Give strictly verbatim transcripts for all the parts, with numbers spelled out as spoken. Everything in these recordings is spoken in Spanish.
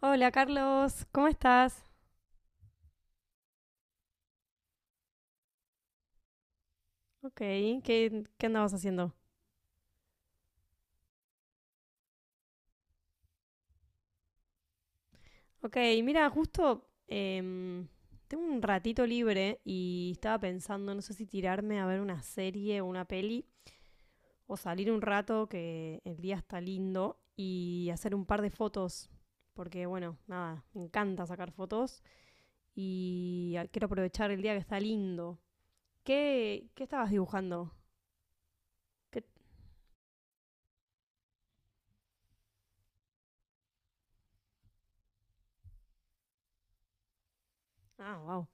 Hola Carlos, ¿cómo estás? Ok, ¿qué, qué andabas haciendo? Ok, mira, justo em, tengo un ratito libre y estaba pensando, no sé si tirarme a ver una serie o una peli o salir un rato que el día está lindo y hacer un par de fotos. Porque bueno, nada, me encanta sacar fotos y a- quiero aprovechar el día que está lindo. ¿Qué, qué estabas dibujando? ¿Qué- Ah, wow.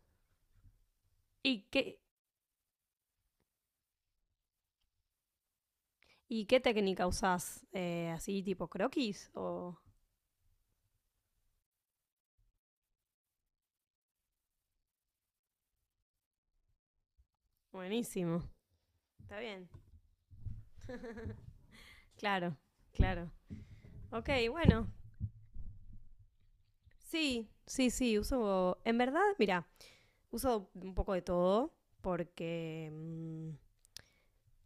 ¿Y qué, ¿Y qué técnica usás? Eh, ¿Así tipo croquis? O... Buenísimo. Está bien. Claro, claro. Ok, bueno. Sí, sí, sí, uso... En verdad, mira, uso un poco de todo porque mm,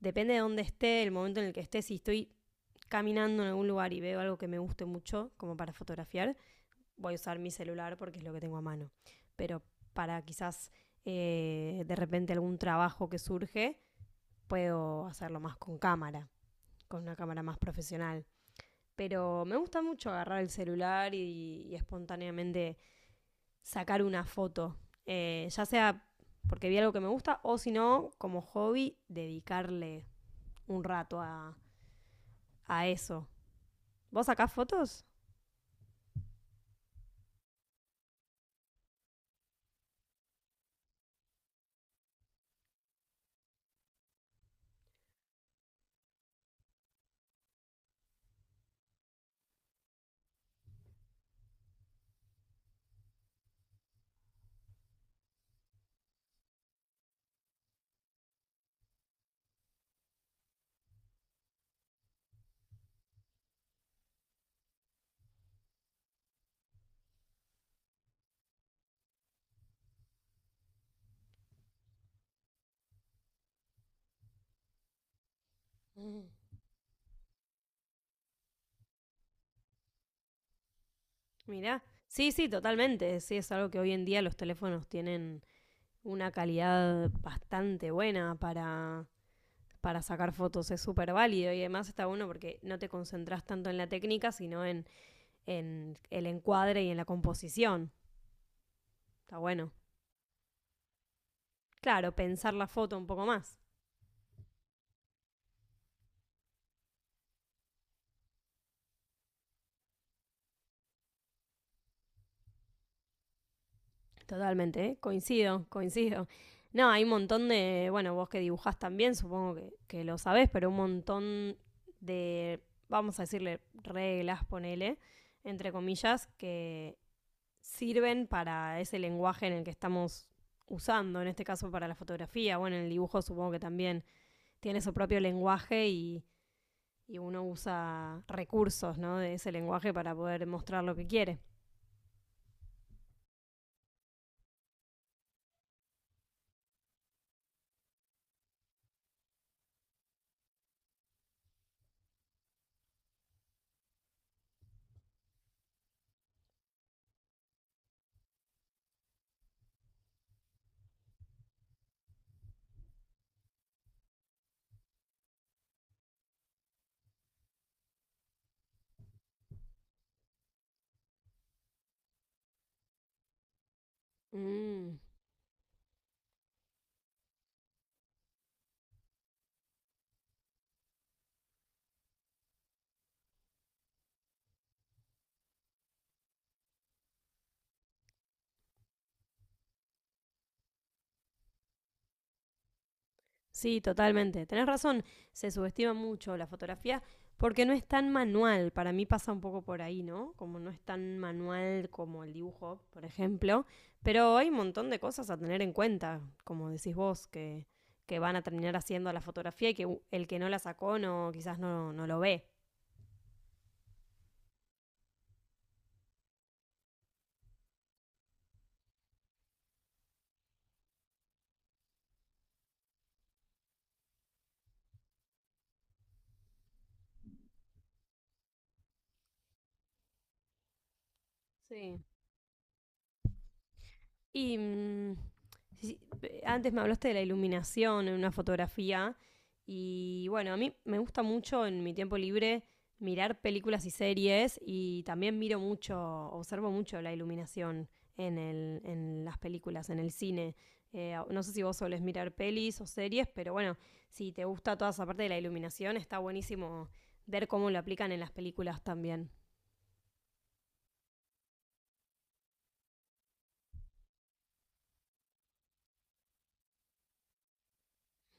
depende de dónde esté, el momento en el que esté, si estoy caminando en algún lugar y veo algo que me guste mucho, como para fotografiar, voy a usar mi celular porque es lo que tengo a mano. Pero para quizás eh, de repente algún trabajo que surge, puedo hacerlo más con cámara. Con una cámara más profesional. Pero me gusta mucho agarrar el celular y, y espontáneamente sacar una foto. Eh, ya sea porque vi algo que me gusta o si no, como hobby, dedicarle un rato a, a eso. ¿Vos sacás fotos? Mm. Mirá. Sí, sí, totalmente. Sí, es algo que hoy en día los teléfonos tienen una calidad bastante buena para, para sacar fotos. Es súper válido y además está bueno porque no te concentras tanto en la técnica, sino en en el encuadre y en la composición. Está bueno. Claro, pensar la foto un poco más. Totalmente, ¿eh? Coincido, coincido. No, hay un montón de, bueno, vos que dibujás también, supongo que, que lo sabés, pero un montón de, vamos a decirle, reglas, ponele, entre comillas, que sirven para ese lenguaje en el que estamos usando, en este caso para la fotografía, bueno, el dibujo supongo que también tiene su propio lenguaje y y uno usa recursos ¿no? de ese lenguaje para poder mostrar lo que quiere. Mm, sí, totalmente. Tenés razón, se subestima mucho la fotografía porque no es tan manual. Para mí pasa un poco por ahí, ¿no? Como no es tan manual como el dibujo, por ejemplo. Pero hay un montón de cosas a tener en cuenta, como decís vos, que, que van a terminar haciendo la fotografía y que el que no la sacó no, quizás no, no lo ve. Sí. Y mm, sí, sí, eh, antes me hablaste de la iluminación en una fotografía. Y bueno, a mí me gusta mucho en mi tiempo libre mirar películas y series y también miro mucho, observo mucho la iluminación en, el, en las películas, en el cine. Eh, no sé si vos solés mirar pelis o series, pero bueno, si te gusta toda esa parte de la iluminación, está buenísimo ver cómo lo aplican en las películas también.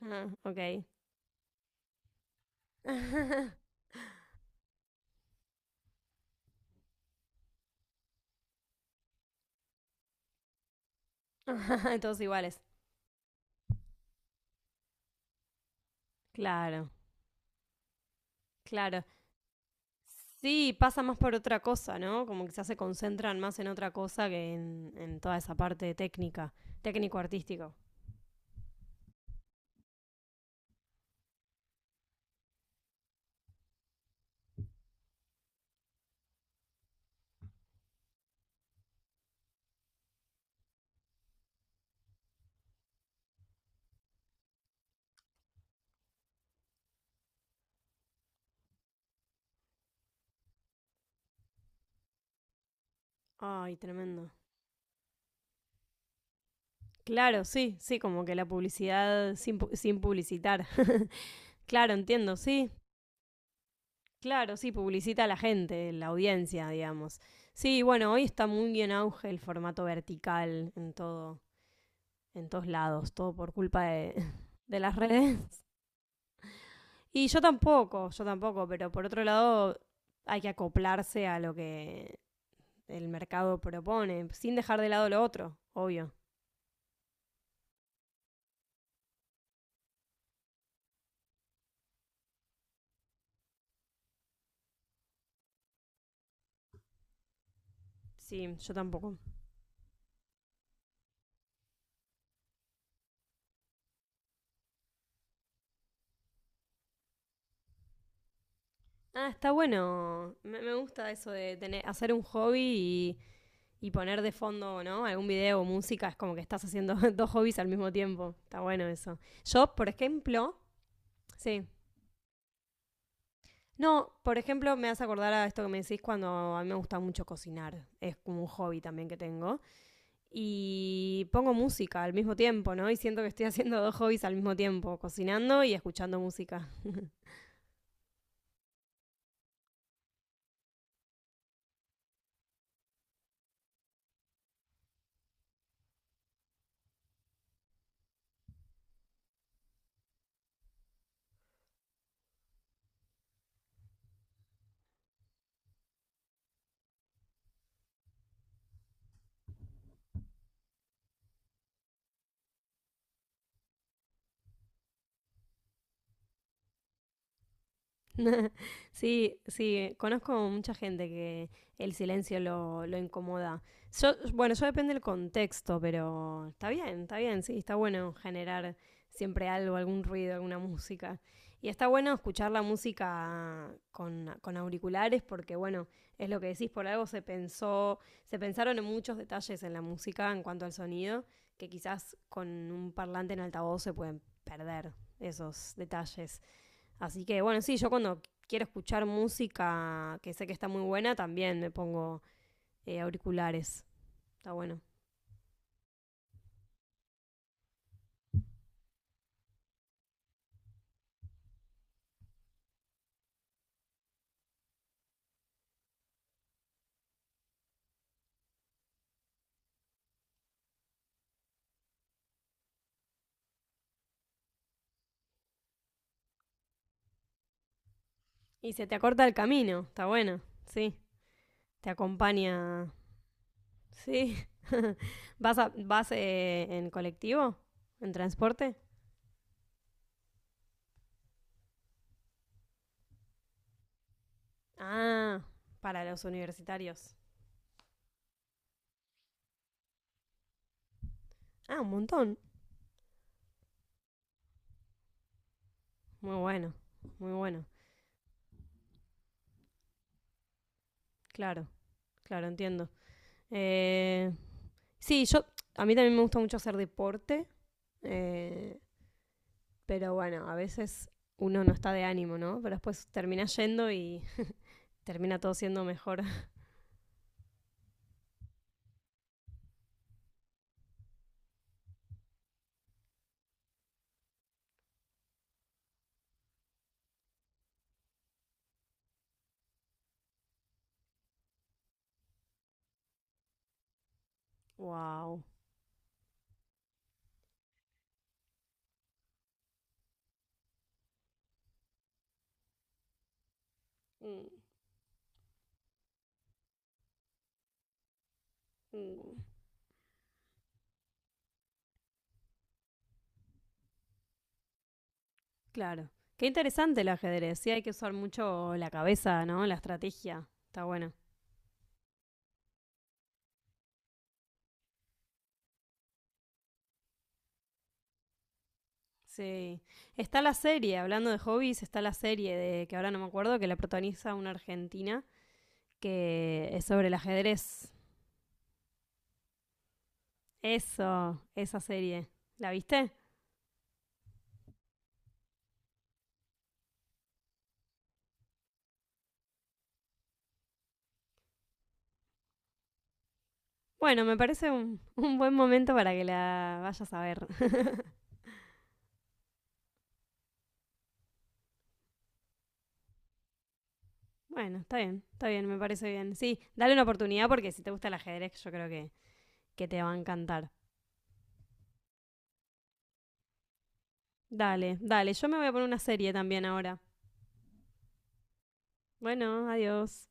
Ah, ok. Todos iguales. Claro, claro. Sí, pasa más por otra cosa, ¿no? Como quizás se concentran más en otra cosa que en, en toda esa parte técnica, técnico-artístico. Ay, tremendo. Claro, sí, sí, como que la publicidad sin, pu- sin publicitar. Claro, entiendo, sí. Claro, sí, publicita a la gente, la audiencia, digamos. Sí, bueno, hoy está muy en auge el formato vertical en todo, en todos lados, todo por culpa de, de las redes. Y yo tampoco, yo tampoco, pero por otro lado hay que acoplarse a lo que el mercado propone, sin dejar de lado lo otro, obvio. Sí, yo tampoco. Ah, está bueno. Me, me gusta eso de tener, hacer un hobby y, y poner de fondo, ¿no? Algún video o música. Es como que estás haciendo dos hobbies al mismo tiempo. Está bueno eso. Yo, por ejemplo, sí. No, por ejemplo, me hace acordar a esto que me decís cuando a mí me gusta mucho cocinar. Es como un hobby también que tengo. Y pongo música al mismo tiempo, ¿no? Y siento que estoy haciendo dos hobbies al mismo tiempo, cocinando y escuchando música. Sí, sí, conozco mucha gente que el silencio lo, lo incomoda. Yo, bueno, yo depende del contexto, pero está bien, está bien, sí, está bueno generar siempre algo, algún ruido, alguna música. Y está bueno escuchar la música con, con auriculares porque, bueno, es lo que decís, por algo se pensó, se pensaron en muchos detalles en la música en cuanto al sonido, que quizás con un parlante en altavoz se pueden perder esos detalles. Así que bueno, sí, yo cuando quiero escuchar música que sé que está muy buena, también me pongo eh, auriculares. Está bueno. Y se te acorta el camino, está bueno. Sí, te acompaña. Sí. ¿Vas, a- vas eh, en colectivo? ¿En transporte? Ah, para los universitarios. Ah, un montón. Muy bueno, muy bueno. Claro, claro, entiendo. Eh, sí, yo, a mí también me gusta mucho hacer deporte. Eh, Pero bueno, a veces uno no está de ánimo, ¿no? Pero después termina yendo y termina todo siendo mejor. ¡Wow! Mm, mm. Claro. Qué interesante el ajedrez. Sí, hay que usar mucho la cabeza, ¿no? La estrategia. Está bueno. Sí. Está la serie, hablando de hobbies, está la serie de que ahora no me acuerdo, que la protagoniza una argentina, que es sobre el ajedrez. Eso, esa serie. ¿La viste? Bueno, me parece un, un buen momento para que la vayas a ver. Bueno, está bien, está bien, me parece bien. Sí, dale una oportunidad porque si te gusta el ajedrez, yo creo que, que te va a encantar. Dale, dale, yo me voy a poner una serie también ahora. Bueno, adiós.